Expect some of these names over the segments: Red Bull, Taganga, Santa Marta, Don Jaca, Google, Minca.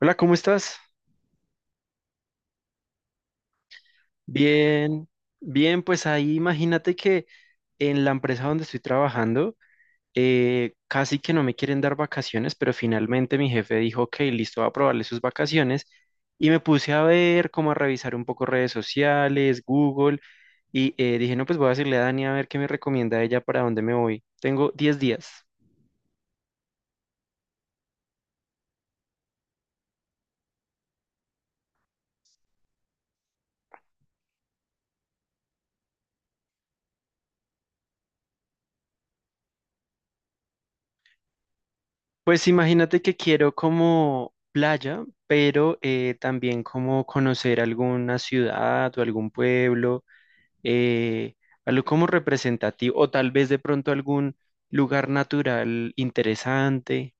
Hola, ¿cómo estás? Bien, bien, pues ahí imagínate que en la empresa donde estoy trabajando, casi que no me quieren dar vacaciones, pero finalmente mi jefe dijo, ok, listo, va a aprobarle sus vacaciones y me puse a ver, como a revisar un poco redes sociales, Google, y dije, no, pues voy a decirle a Dani a ver qué me recomienda ella para dónde me voy. Tengo 10 días. Pues imagínate que quiero como playa, pero también como conocer alguna ciudad o algún pueblo, eh, algo como representativo, o tal vez de pronto algún lugar natural interesante.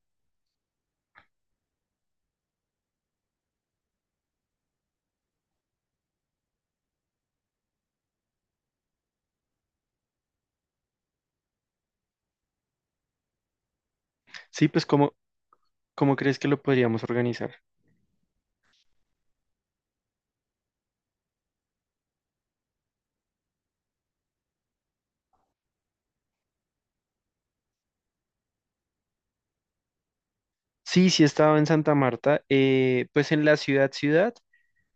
Sí, pues ¿cómo, cómo crees que lo podríamos organizar? Sí, sí he estado en Santa Marta, pues en la ciudad, ciudad,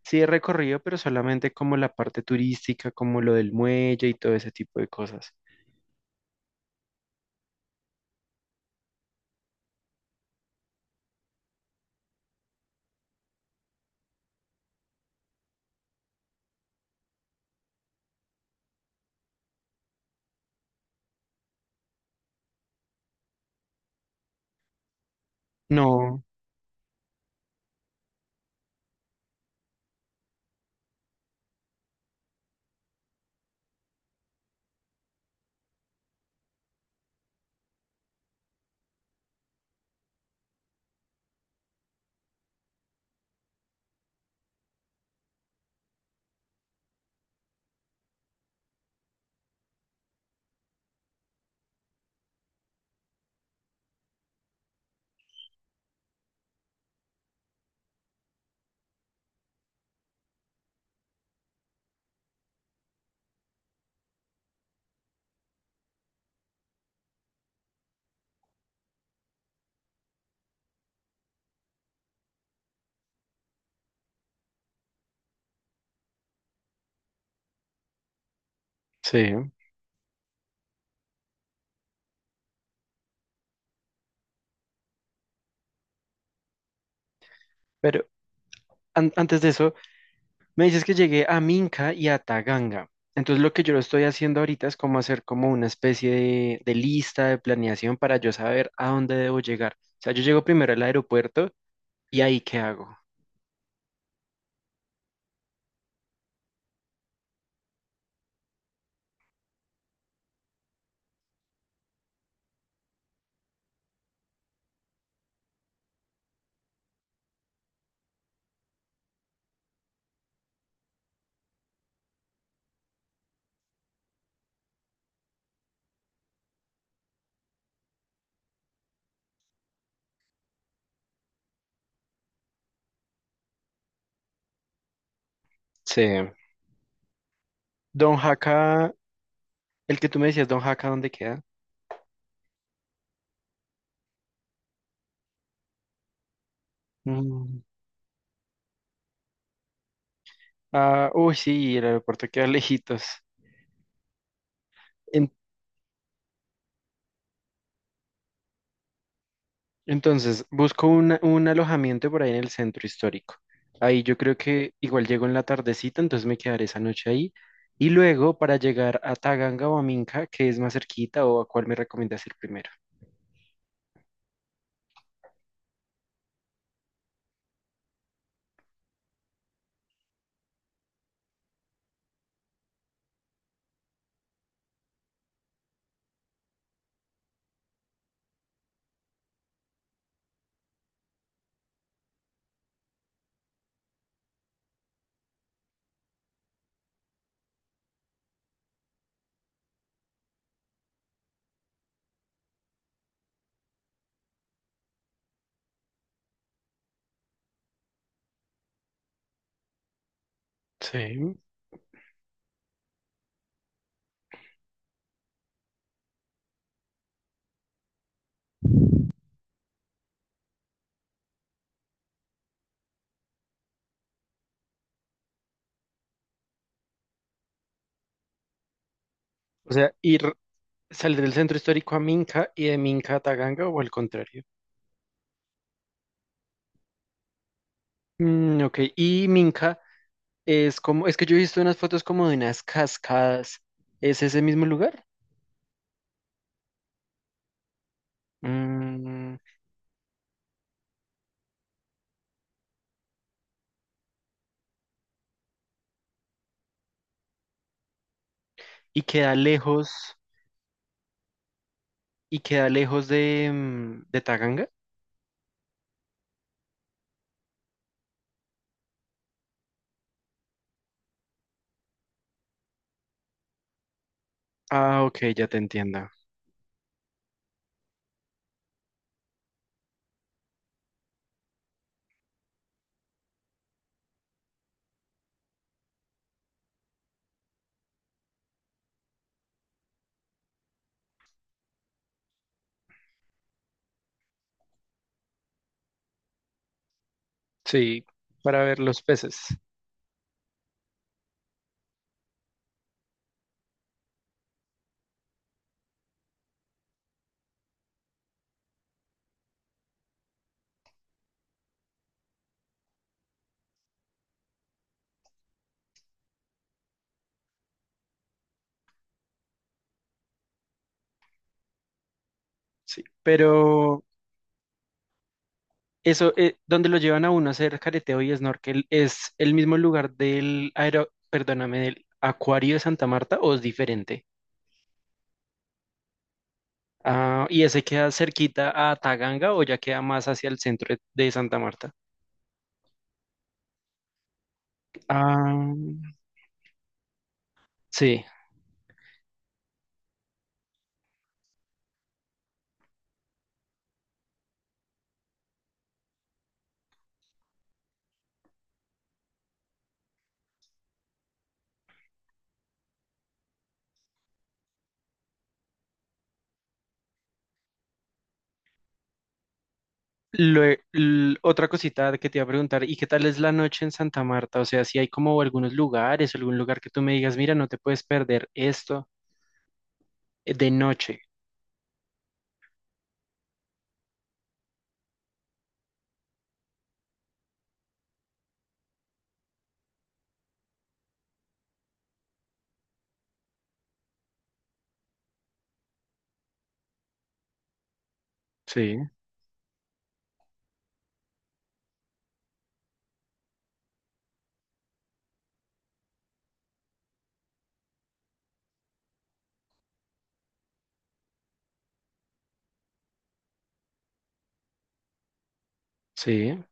sí he recorrido, pero solamente como la parte turística, como lo del muelle y todo ese tipo de cosas. No, sí. Pero antes de eso, me dices que llegué a Minca y a Taganga. Entonces lo que yo lo estoy haciendo ahorita es como hacer como una especie de lista de planeación para yo saber a dónde debo llegar. O sea, yo llego primero al aeropuerto y ahí qué hago. Sí. Don Jaca, el que tú me decías, Don Jaca, ¿dónde queda? Mm, Ah, uy, sí, el aeropuerto queda lejitos. Entonces, busco un alojamiento por ahí en el centro histórico. Ahí yo creo que igual llego en la tardecita, entonces me quedaré esa noche ahí. Y luego para llegar a Taganga o a Minca, ¿que es más cerquita o a cuál me recomiendas ir primero? Sí. O sea, ir, salir del centro histórico a Minca y de Minca a Taganga o al contrario. Mm, ok, y Minca es como, es que yo he visto unas fotos como de unas cascadas. ¿Es ese mismo lugar? Mm, ¿y queda lejos? ¿Y queda lejos de, mm, de Taganga? Ah, ok, ya te entiendo. Sí, para ver los peces. Sí, pero eso, donde lo llevan a uno a hacer careteo y snorkel, ¿es el mismo lugar del aero, perdóname, del acuario de Santa Marta o es diferente? Ah, ¿y ese queda cerquita a Taganga o ya queda más hacia el centro de Santa Marta? Ah, sí. Otra cosita que te iba a preguntar, ¿y qué tal es la noche en Santa Marta? O sea, si hay como algunos lugares, algún lugar que tú me digas, mira, no te puedes perder esto, de noche. Sí, sí.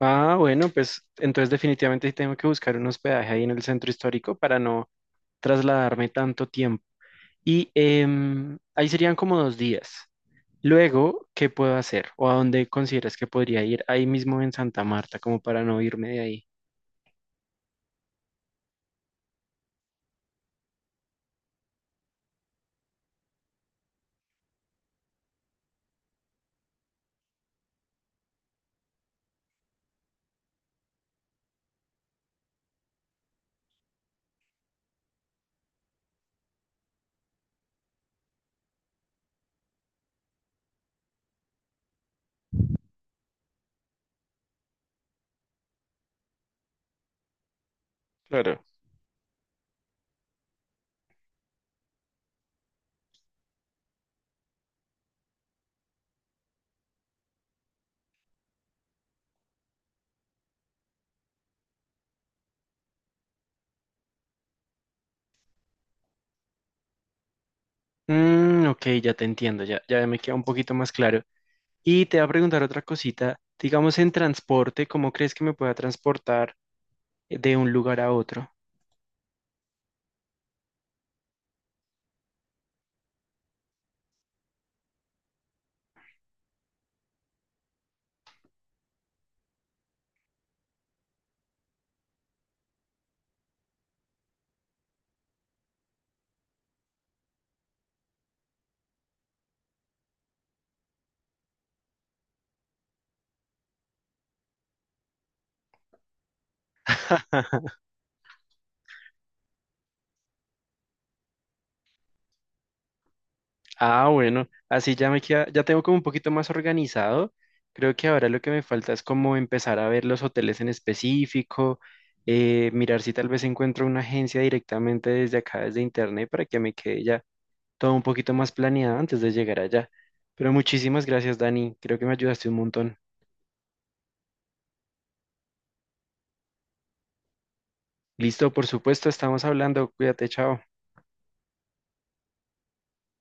Ah, bueno, pues entonces definitivamente sí tengo que buscar un hospedaje ahí en el centro histórico para no trasladarme tanto tiempo. Y ahí serían como 2 días. Luego, ¿qué puedo hacer? ¿O a dónde consideras que podría ir ahí mismo en Santa Marta, como para no irme de ahí? Mm, ok, ya te entiendo, ya, ya me queda un poquito más claro. Y te voy a preguntar otra cosita, digamos en transporte, ¿cómo crees que me pueda transportar, de un lugar a otro? Ah, bueno, así ya me queda, ya tengo como un poquito más organizado. Creo que ahora lo que me falta es como empezar a ver los hoteles en específico, mirar si tal vez encuentro una agencia directamente desde acá, desde internet, para que me quede ya todo un poquito más planeado antes de llegar allá. Pero muchísimas gracias, Dani. Creo que me ayudaste un montón. Listo, por supuesto, estamos hablando. Cuídate, chao.